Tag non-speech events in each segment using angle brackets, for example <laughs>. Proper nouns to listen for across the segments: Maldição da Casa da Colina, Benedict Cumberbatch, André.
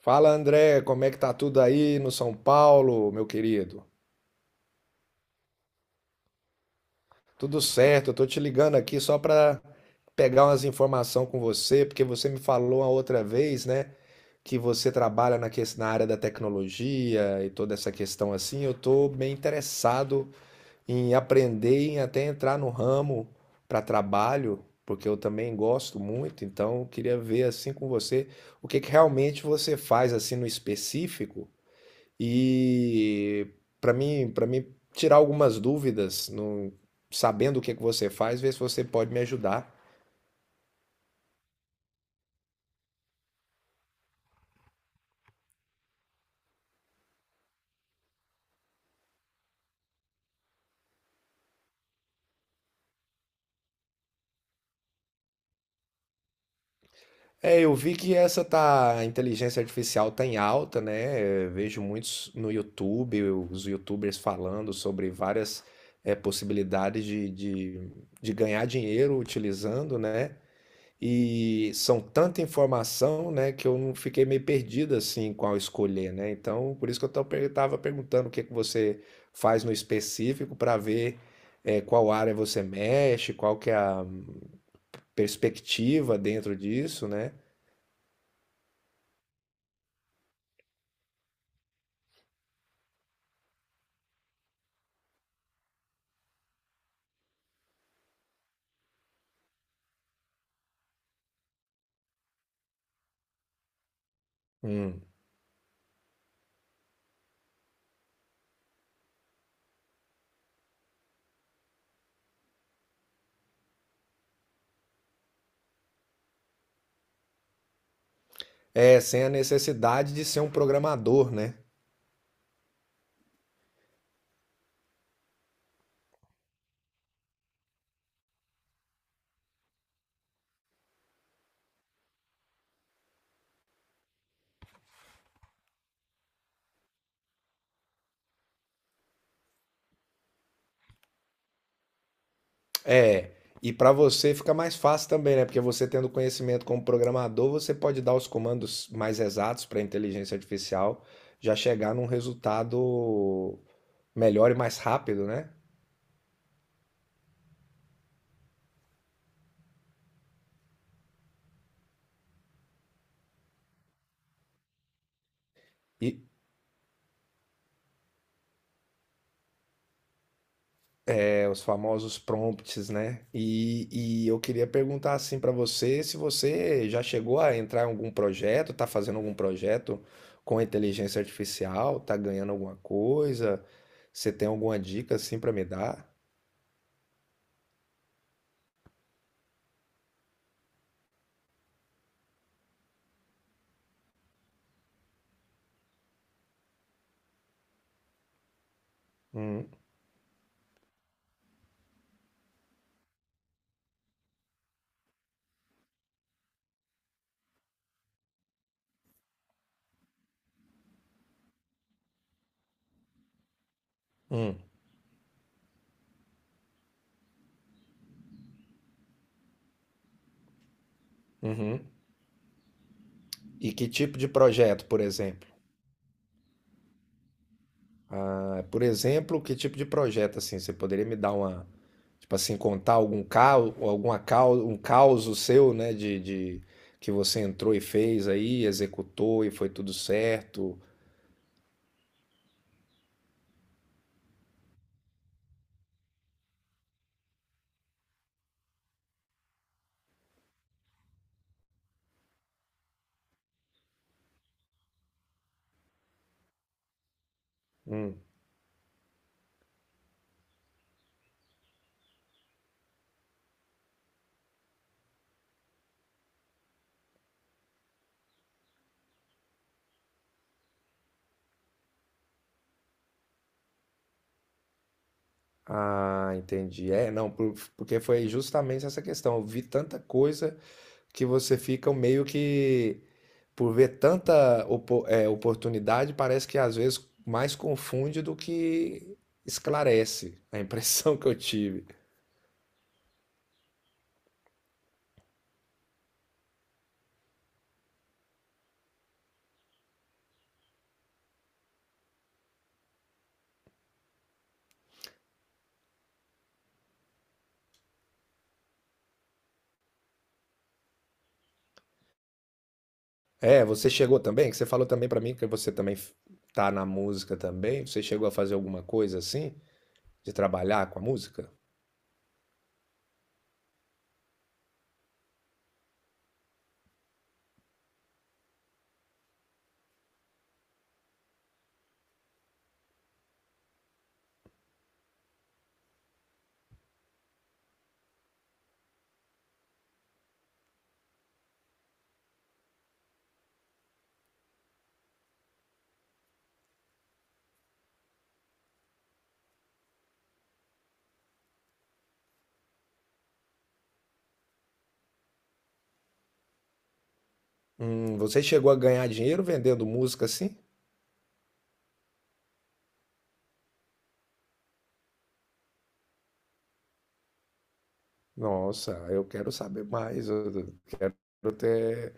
Fala, André, como é que tá tudo aí no São Paulo, meu querido? Tudo certo, eu tô te ligando aqui só para pegar umas informações com você, porque você me falou a outra vez, né, que você trabalha na, na área da tecnologia e toda essa questão assim. Eu tô bem interessado em aprender, em até entrar no ramo para trabalho, porque eu também gosto muito, então eu queria ver assim com você o que que realmente você faz assim no específico. E para mim tirar algumas dúvidas, sabendo o que que você faz, ver se você pode me ajudar. É, eu vi que a inteligência artificial tá em alta, né? Eu vejo muitos no YouTube, os YouTubers falando sobre várias possibilidades de ganhar dinheiro utilizando, né? E são tanta informação, né, que eu não fiquei meio perdido assim qual escolher, né? Então, por isso que eu estava perguntando o que que você faz no específico para ver qual área você mexe, qual que é a perspectiva dentro disso, né? Hum. É, sem a necessidade de ser um programador, né? É, e para você fica mais fácil também, né? Porque você tendo conhecimento como programador, você pode dar os comandos mais exatos para a inteligência artificial já chegar num resultado melhor e mais rápido, né? E é, os famosos prompts, né? E eu queria perguntar assim para você se você já chegou a entrar em algum projeto, tá fazendo algum projeto com inteligência artificial, tá ganhando alguma coisa? Você tem alguma dica assim para me dar? Hum, hum, uhum. E que tipo de projeto, por exemplo? Ah, por exemplo, que tipo de projeto assim? Você poderia me dar uma, tipo assim, contar algum caos, alguma caos, um caos seu, né, que você entrou e fez aí, executou e foi tudo certo? Hum. Ah, entendi. É, não, porque foi justamente essa questão. Eu vi tanta coisa que você fica meio que, por ver tanta oportunidade, parece que às vezes mais confunde do que esclarece, a impressão <laughs> que eu tive. É, você chegou também, que você falou também pra mim que você também tá na música também. Você chegou a fazer alguma coisa assim, de trabalhar com a música? Você chegou a ganhar dinheiro vendendo música assim? Nossa, eu quero saber mais. Eu até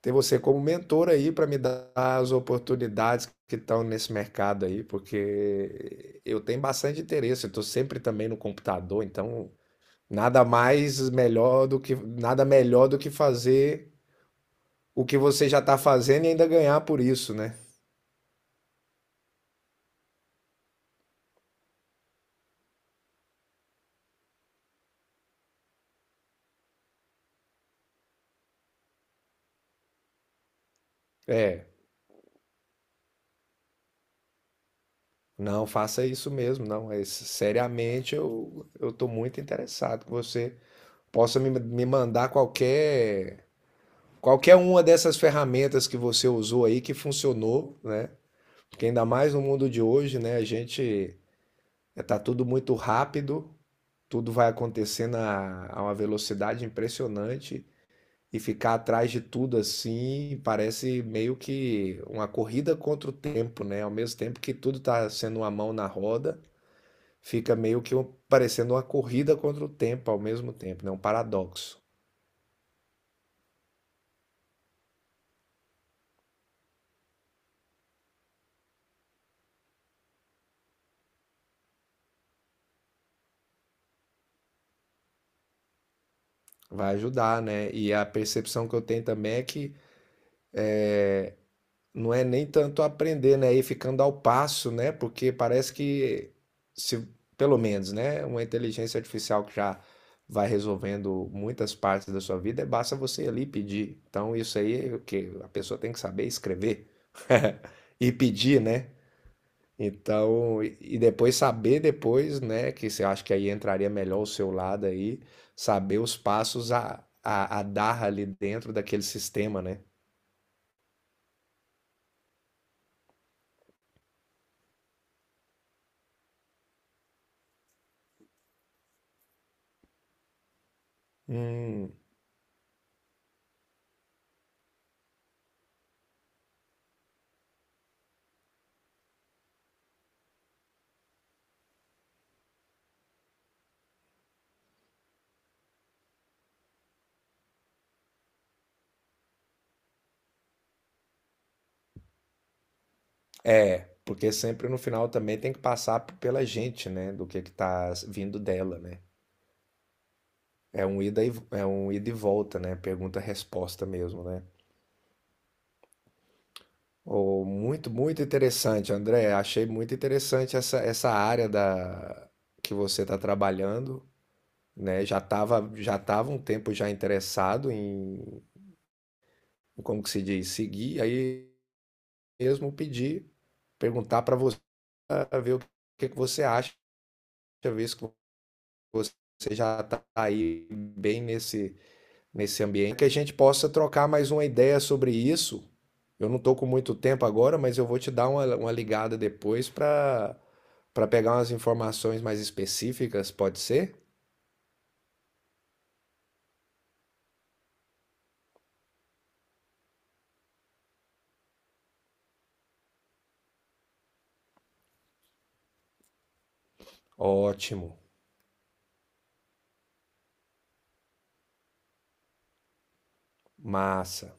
ter você como mentor aí para me dar as oportunidades que estão nesse mercado aí, porque eu tenho bastante interesse, eu estou sempre também no computador, então nada mais melhor do que nada melhor do que fazer o que você já está fazendo e ainda ganhar por isso, né? É, não faça isso mesmo, não. É, seriamente, eu estou muito interessado que você possa me mandar qualquer qualquer uma dessas ferramentas que você usou aí que funcionou, né? Porque ainda mais no mundo de hoje, né? A gente é, tá tudo muito rápido, tudo vai acontecendo a uma velocidade impressionante e ficar atrás de tudo assim parece meio que uma corrida contra o tempo, né? Ao mesmo tempo que tudo tá sendo uma mão na roda, fica meio que parecendo uma corrida contra o tempo ao mesmo tempo, né? Um paradoxo. Vai ajudar, né? E a percepção que eu tenho também é que não é nem tanto aprender, né? E ficando ao passo, né? Porque parece que, se, pelo menos, né? Uma inteligência artificial que já vai resolvendo muitas partes da sua vida, é basta você ali pedir. Então, isso aí é o que a pessoa tem que saber escrever <laughs> e pedir, né? Então, e depois saber depois, né? Que você acha que aí entraria melhor o seu lado aí, saber os passos a dar ali dentro daquele sistema, né? Hum. É, porque sempre no final também tem que passar pela gente, né? Do que vindo dela, né? É um é um ida e volta, né? Pergunta-resposta mesmo, né? Oh, muito, muito interessante, André. Achei muito interessante essa, essa área da que você está trabalhando, né? Já tava um tempo já interessado em, como que se diz, seguir, aí mesmo pedir, perguntar para você, ah, ver o que que você acha, ver se você já está aí bem nesse, nesse ambiente, que a gente possa trocar mais uma ideia sobre isso. Eu não estou com muito tempo agora, mas eu vou te dar uma ligada depois para pegar umas informações mais específicas, pode ser? Ótimo, massa.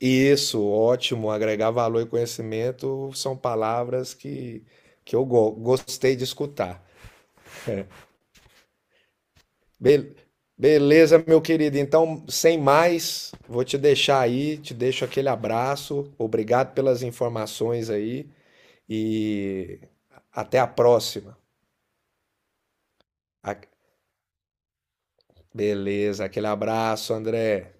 Isso, ótimo. Agregar valor e conhecimento são palavras que eu gostei de escutar. Be- Beleza, meu querido. Então, sem mais, vou te deixar aí, te deixo aquele abraço. Obrigado pelas informações aí e até a próxima. A- Beleza, aquele abraço, André.